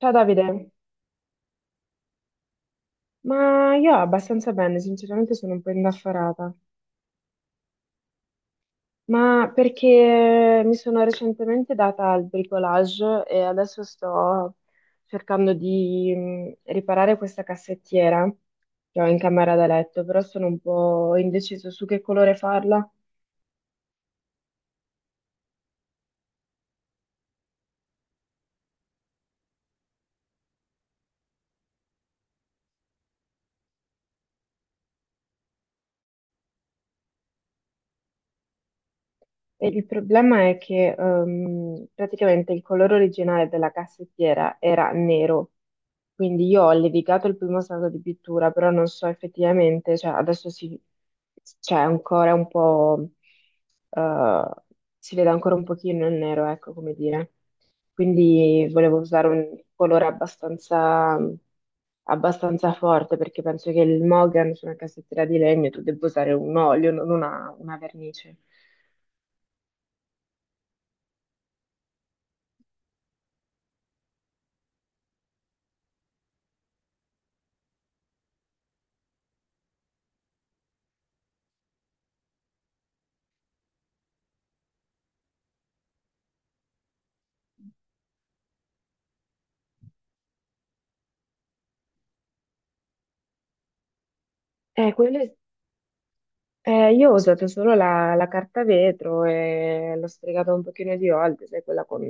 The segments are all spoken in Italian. Ciao Davide, ma io abbastanza bene, sinceramente sono un po' indaffarata, ma perché mi sono recentemente data al bricolage e adesso sto cercando di riparare questa cassettiera che ho in camera da letto, però sono un po' indeciso su che colore farla. E il problema è che praticamente il colore originale della cassettiera era nero, quindi io ho levigato il primo strato di pittura, però non so effettivamente, cioè adesso si, c'è ancora un po', eh, si vede ancora un pochino il nero, ecco come dire. Quindi volevo usare un colore abbastanza forte perché penso che il Mogan su una cassettiera di legno tu debba usare un olio, non una vernice. Eh, quelle- io ho usato solo la carta vetro e l'ho sfregata un pochino di volte, sai, quella con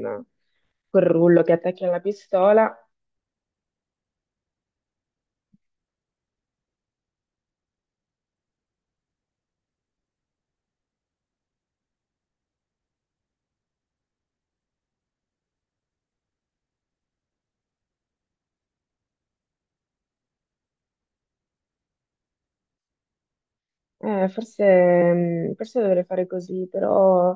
quel rullo che attacchi alla pistola. Eh, forse, forse dovrei fare così, però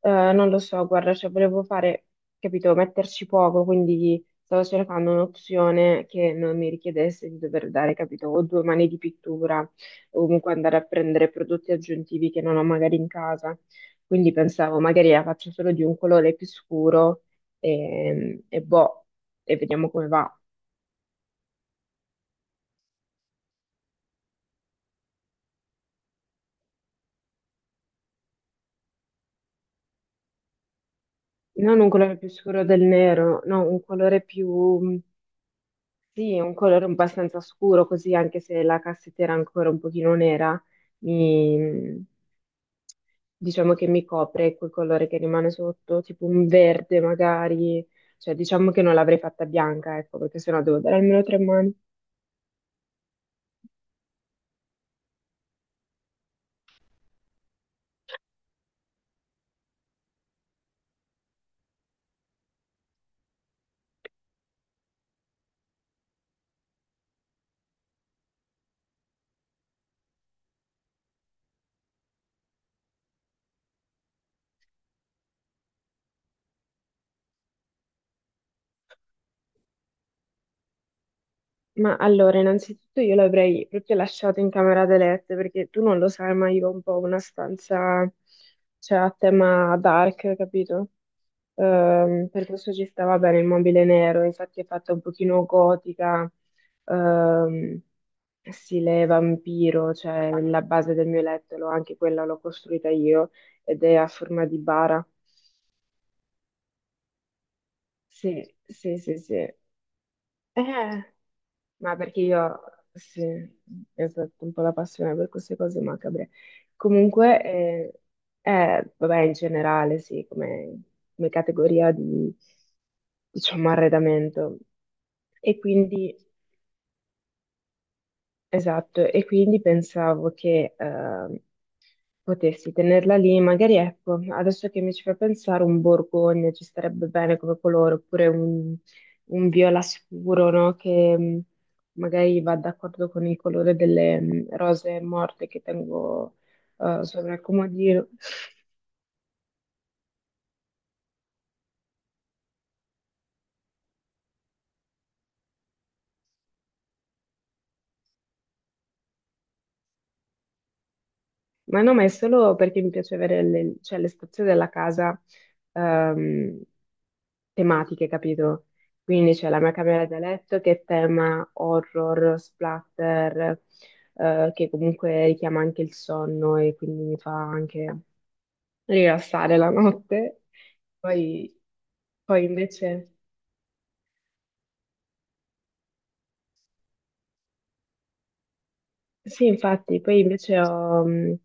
non lo so, guarda, cioè volevo fare, capito, metterci poco, quindi stavo cercando un'opzione che non mi richiedesse di dover dare, capito, o due mani di pittura, o comunque andare a prendere prodotti aggiuntivi che non ho magari in casa. Quindi pensavo, magari la faccio solo di un colore più scuro e boh, e vediamo come va. Non un colore più scuro del nero, no, un colore più. Sì, un colore un po' abbastanza scuro, così anche se la cassetta era ancora un pochino nera, mi- diciamo che mi copre quel colore che rimane sotto, tipo un verde magari, cioè diciamo che non l'avrei fatta bianca, ecco, perché sennò devo dare almeno tre mani. Ma allora, innanzitutto io l'avrei proprio lasciato in camera da letto perché tu non lo sai, ma io ho un po' una stanza, cioè a tema dark, capito? Per questo ci stava bene il mobile nero, infatti è fatta un pochino gotica, ehm, stile vampiro, cioè la base del mio letto, anche quella l'ho costruita io ed è a forma di bara. Sì, sì, sì, sì. Eh. Ma perché io, sì, ho fatto un po' la passione per queste cose macabre. Comunque, vabbè, in generale, sì, come, come categoria di, diciamo, arredamento. E quindi Esatto, e quindi pensavo che potessi tenerla lì, magari ecco, adesso che mi ci fa pensare un borgogna ci starebbe bene come colore, oppure un viola scuro, no? Che magari va d'accordo con il colore delle rose morte che tengo sopra il comodino. Ma no, ma è solo perché mi piace avere le, cioè, le stazioni della casa ehm, tematiche, capito? Quindi c'è la mia camera da letto che è tema horror, splatter, che comunque richiama anche il sonno e quindi mi fa anche rilassare la notte. Poi, poi invece... Sì, infatti, poi invece ho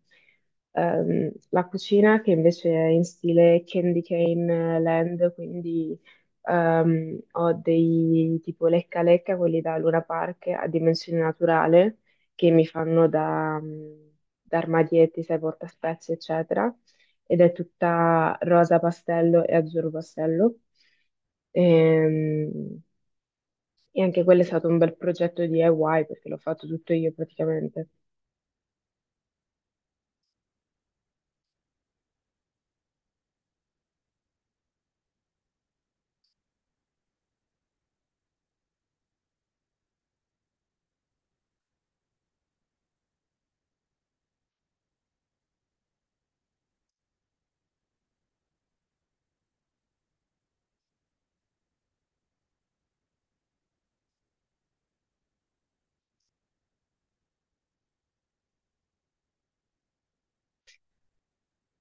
la cucina che invece è in stile Candy Cane Land, quindi ho dei tipo lecca lecca, quelli da Luna Park a dimensione naturale, che mi fanno da, da armadietti, sai, portaspezie, eccetera, ed è tutta rosa pastello e azzurro pastello. Ehm, E, anche quello è stato un bel progetto di DIY perché l'ho fatto tutto io praticamente.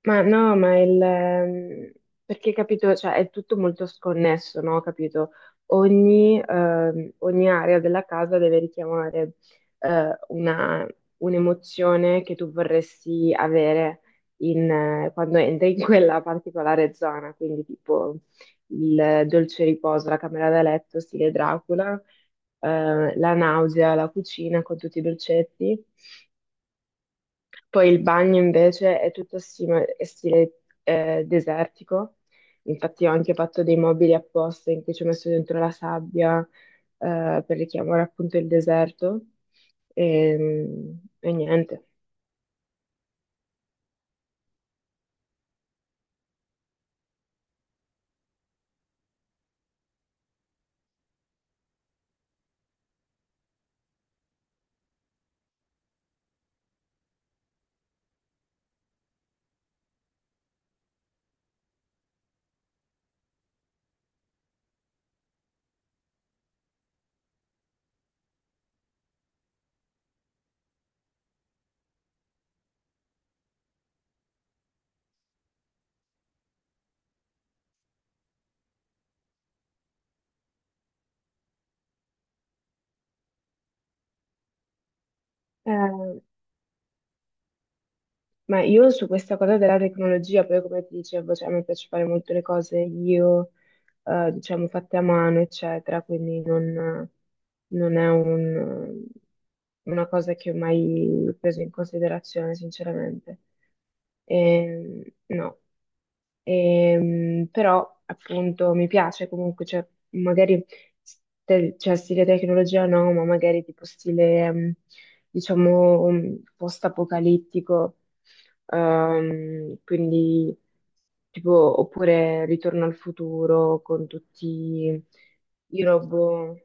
Ma no, ma perché capito, cioè è tutto molto sconnesso, no? Capito? Ogni, ogni area della casa deve richiamare eh, una, un'emozione che tu vorresti avere in, quando entri in quella particolare zona, quindi tipo il dolce riposo, la camera da letto, stile Dracula, la nausea, la cucina con tutti i dolcetti. Poi il bagno invece è tutto stile, desertico, infatti ho anche fatto dei mobili apposta in cui ci ho messo dentro la sabbia per richiamare appunto il deserto e, e niente. Eh, Ma io su questa cosa della tecnologia, poi come ti dicevo, cioè, a me piace fare molto le cose io, diciamo, fatte a mano, eccetera, quindi non, non è un- una cosa che ho mai preso in considerazione, sinceramente. No. Però appunto mi piace comunque, cioè, magari cioè, stile tecnologia no, ma magari tipo stile, diciamo, post-apocalittico. Quindi tipo, oppure Ritorno al futuro con tutti i robot.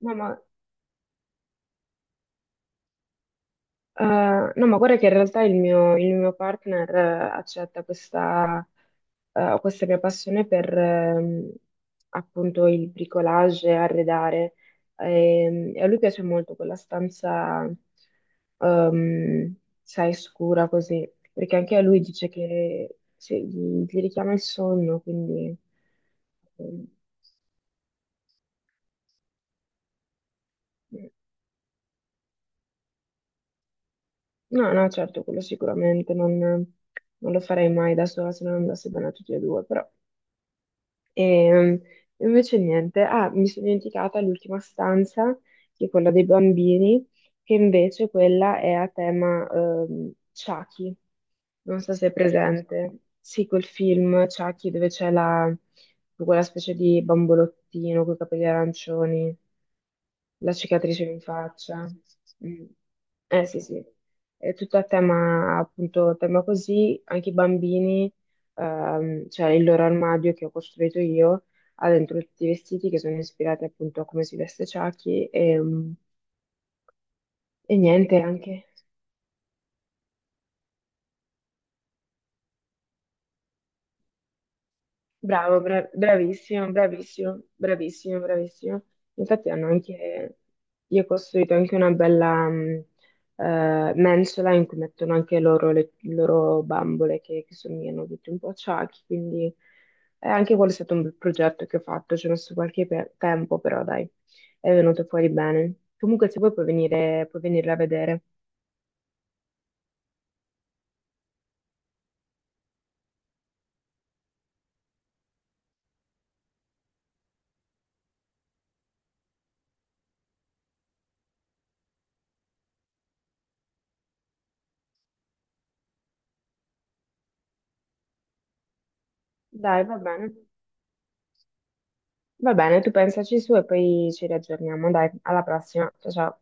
No, ma Eh, no, ma guarda che in realtà il mio partner accetta questa, questa mia passione per appunto il bricolage, arredare. E, a lui piace molto quella stanza, ehm, sai, scura così, perché anche a lui dice che cioè, gli richiama il sonno, quindi... ehm, No, no, certo, quello sicuramente non, non lo farei mai da sola se non andasse bene a tutti e due, però... E invece niente, ah, mi sono dimenticata l'ultima stanza, che è quella dei bambini, che invece quella è a tema Chucky, non so se è presente. Sì, quel film Chucky dove c'è la, quella specie di bambolottino con i capelli arancioni, la cicatrice in faccia. Mm. Eh sì, sì, è tutto a tema, appunto, tema così, anche i bambini, cioè il loro armadio che ho costruito io, ha dentro tutti i vestiti che sono ispirati appunto a come si veste Chucky e, mm, e niente anche. Bravo, bravissimo, bravissimo, bravissimo, bravissimo. Infatti hanno anche, gli ho costruito anche una bella mensola in cui mettono anche loro le loro bambole che somigliano tutti un po' a Chucky, quindi anche quello è stato un bel progetto che ho fatto, ci ho messo qualche tempo, però dai, è venuto fuori bene. Comunque se vuoi puoi venire, puoi venirla a vedere. Dai, va bene, tu pensaci su e poi ci riaggiorniamo, dai, alla prossima, ciao ciao.